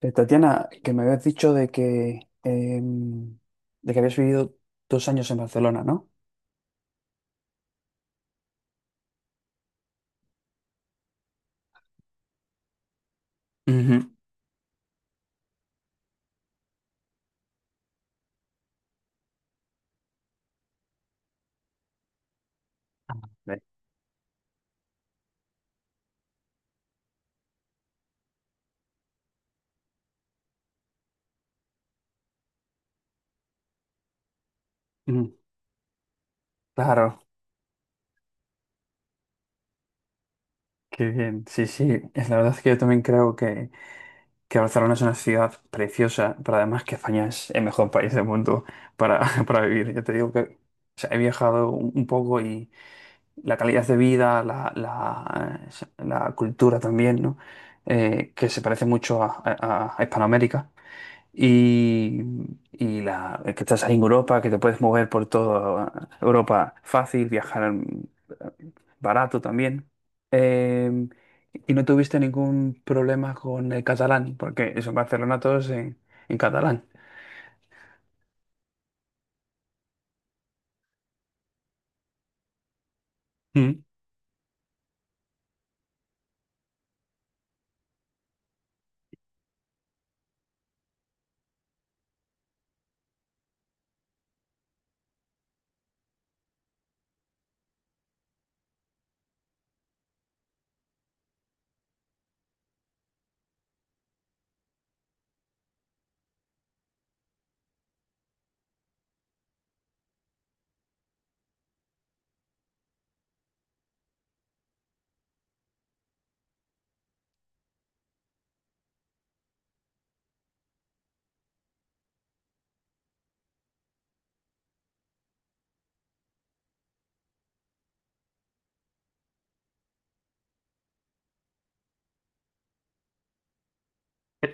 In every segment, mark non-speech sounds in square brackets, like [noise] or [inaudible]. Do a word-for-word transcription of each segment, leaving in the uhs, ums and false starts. Eh, Tatiana, que me habías dicho de que, em, de que habías vivido dos años en Barcelona, ¿no? Ujú. Sí. Mm, claro, qué bien. Sí, sí, es la verdad es que yo también creo que, que Barcelona es una ciudad preciosa, pero además que España es el mejor país del mundo para, [laughs] para vivir. Yo te digo que o sea, he viajado un, un poco y la calidad de vida, la, la, la cultura también, ¿no? Eh, que se parece mucho a, a a Hispanoamérica. Y, y la, que estás ahí en Europa, que te puedes mover por toda Europa fácil, viajar barato también. Eh, y no tuviste ningún problema con el catalán, porque eso en Barcelona todos en, en catalán. Mm.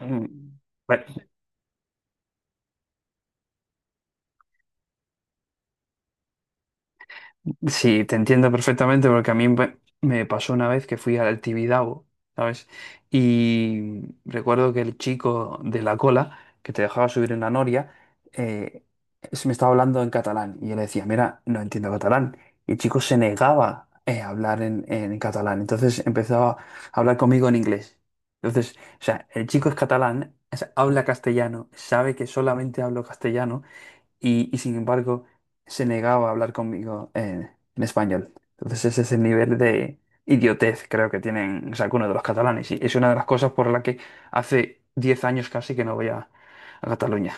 Mm. Sí, te entiendo perfectamente porque a mí me me pasó una vez que fui al Tibidabo, ¿sabes? Y recuerdo que el chico de la cola, que te dejaba subir en la noria, eh, se me estaba hablando en catalán y yo le decía, mira, no entiendo catalán. Y el chico se negaba, eh, a hablar en, en catalán, entonces empezaba a hablar conmigo en inglés. Entonces, o sea, el chico es catalán, o sea, habla castellano, sabe que solamente hablo castellano y, y sin embargo se negaba a hablar conmigo en, en español. Entonces ese es el nivel de idiotez creo que tienen o sea, algunos de los catalanes y es una de las cosas por la que hace diez años casi que no voy a, a Cataluña.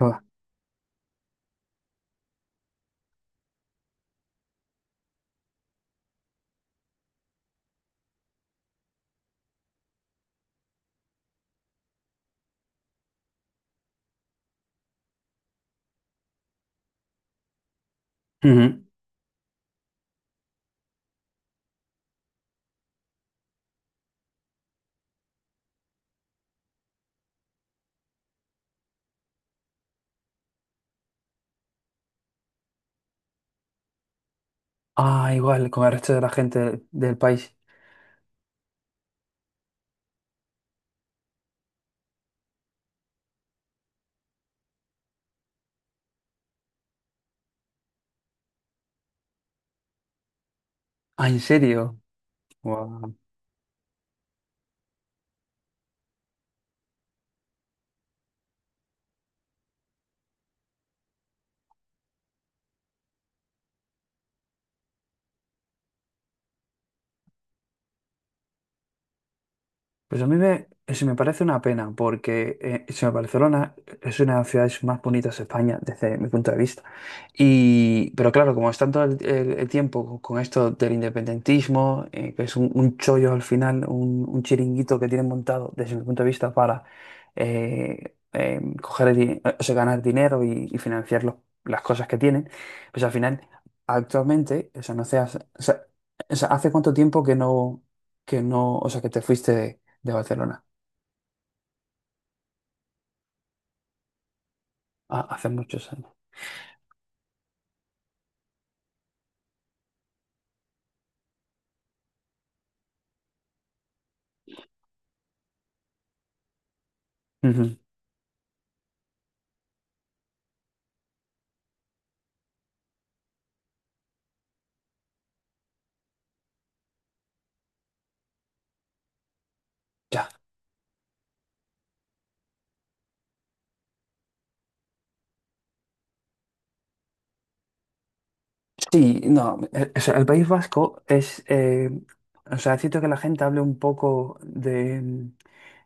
Ah, ujú. Ah, igual, con el resto de la gente del país. Ah, ¿en serio? Guau. Pues a mí me, se me parece una pena, porque eh, se me- Barcelona es una de las ciudades más bonitas de España desde mi punto de vista. Y, pero claro, como están todo el, el- el tiempo con, con esto del independentismo, eh, que es un, un chollo al final, un, un chiringuito que tienen montado desde mi punto de vista para eh, eh, coger el di- o sea, ganar dinero y, y financiar los- las cosas que tienen, pues al final, actualmente, o sea, no se hace- o sea, o sea, ¿hace cuánto tiempo que no, que no, o sea, que te fuiste? De Barcelona. Ah, hace muchos años. Ujú. Ya. Sí, no, eh, o sea, el País Vasco es, eh, o sea, siento que la gente hable un poco de,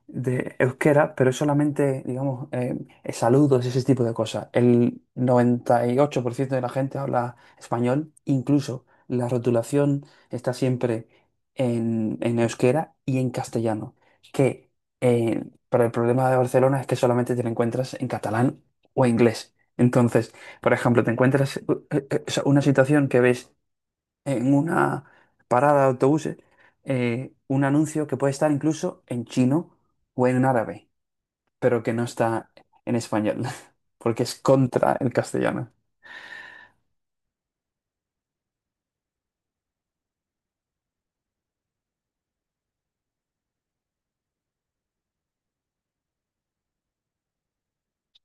de euskera, pero es solamente, digamos, eh, saludos ese tipo de cosas. El noventa y ocho por ciento de la gente habla español, incluso la rotulación está siempre en, en euskera y en castellano, que, eh, para el problema de Barcelona es que solamente te la encuentras en catalán o inglés. Entonces, por ejemplo, te encuentras, eh, eh, eh, o sea, una situación que ves en una parada de autobuses, eh, un anuncio que puede estar incluso en chino o en árabe, pero que no está en español, [laughs] porque es contra el castellano.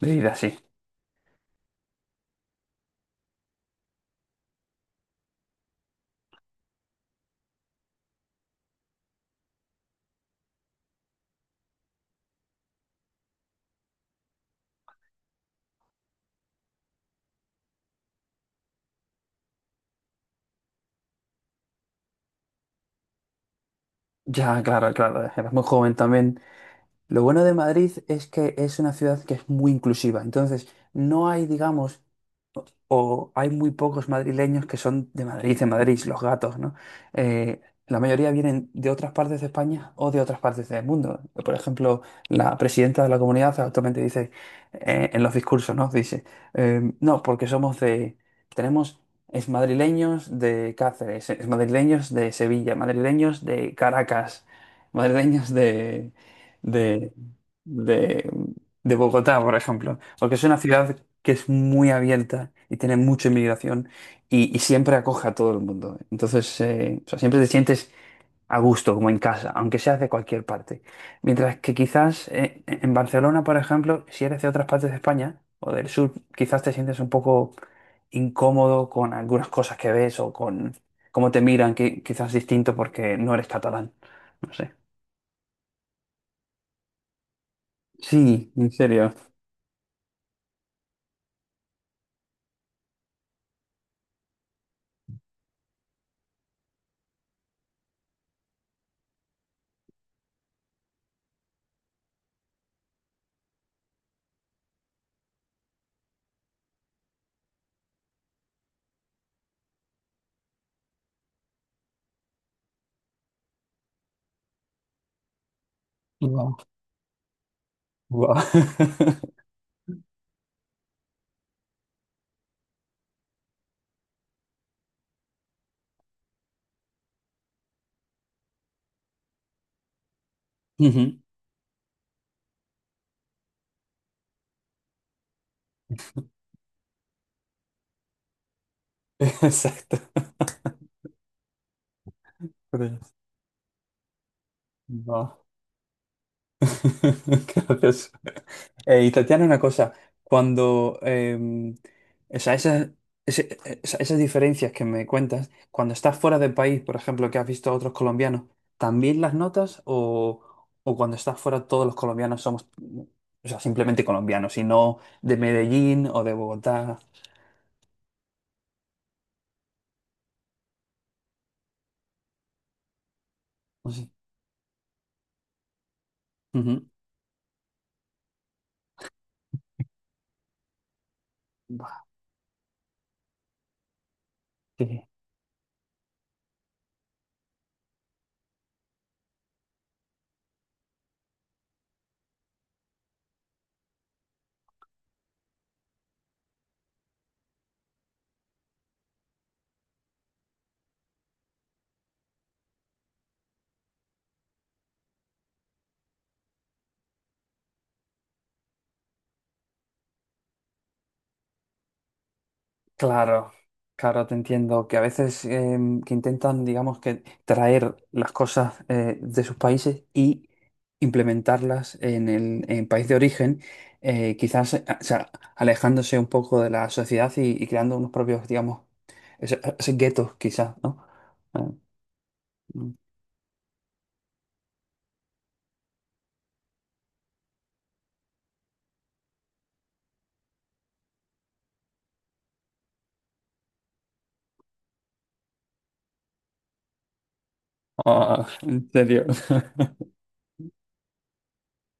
Leída así. Ya, claro, claro, era muy joven también. Lo bueno de Madrid es que es una ciudad que es muy inclusiva, entonces no hay, digamos, o hay muy pocos madrileños que son de Madrid, de Madrid, los gatos, ¿no? Eh, la mayoría vienen de otras partes de España o de otras partes del mundo. Por ejemplo, la presidenta de la comunidad actualmente dice, eh, en los discursos, ¿no? Dice, eh, no, porque somos de, tenemos es madrileños de Cáceres, es madrileños de Sevilla, madrileños de Caracas, madrileños de, de, de de Bogotá, por ejemplo, porque es una ciudad que es muy abierta y tiene mucha inmigración y, y siempre acoge a todo el mundo. Entonces, eh, o sea, siempre te sientes a gusto, como en casa, aunque seas de cualquier parte. Mientras que quizás, eh, en Barcelona, por ejemplo, si eres de otras partes de España o del sur, quizás te sientes un poco incómodo con algunas cosas que ves o con cómo te miran, que quizás distinto porque no eres catalán. No sé. Sí, en serio. Guau, guau. [laughs] [laughs] Exacto. No. [laughs] Qué gracioso. Eh, y Tatiana, una cosa, cuando, em, o sea, esas, ese- esa- esas diferencias que me cuentas, cuando estás fuera del país, por ejemplo, que has visto a otros colombianos, ¿también las notas o, o cuando estás fuera todos los colombianos somos, o sea, simplemente colombianos y no de Medellín o de Bogotá? No sé. Ujú. Buah, qué- Claro, claro, te entiendo que a veces, em, que intentan, digamos, que traer las cosas, eh, de sus países y implementarlas en el en país de origen, eh, quizás, eh, o sea, alejándose un poco de la sociedad y, y creando unos propios, digamos, ese- esos guetos, quizás, ¿no? Eh, mm. Ah, en serio. [laughs]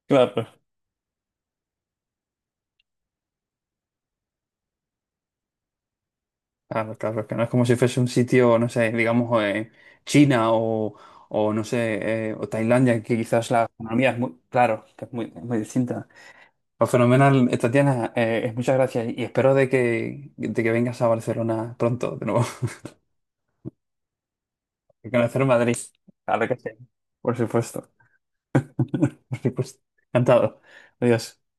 Claro. Claro, claro, es que no es como si fuese un sitio, no sé, digamos, eh, China, o, o no sé, eh, o Tailandia, que quizás la economía es muy, claro, que es muy, es muy distinta. Pues fenomenal, eh, Tatiana, eh, es muchas gracias y espero de que, de que vengas a Barcelona pronto de nuevo, [laughs] y conocer Madrid. Claro que sí, por supuesto, [laughs] por supuesto. Encantado. Adiós.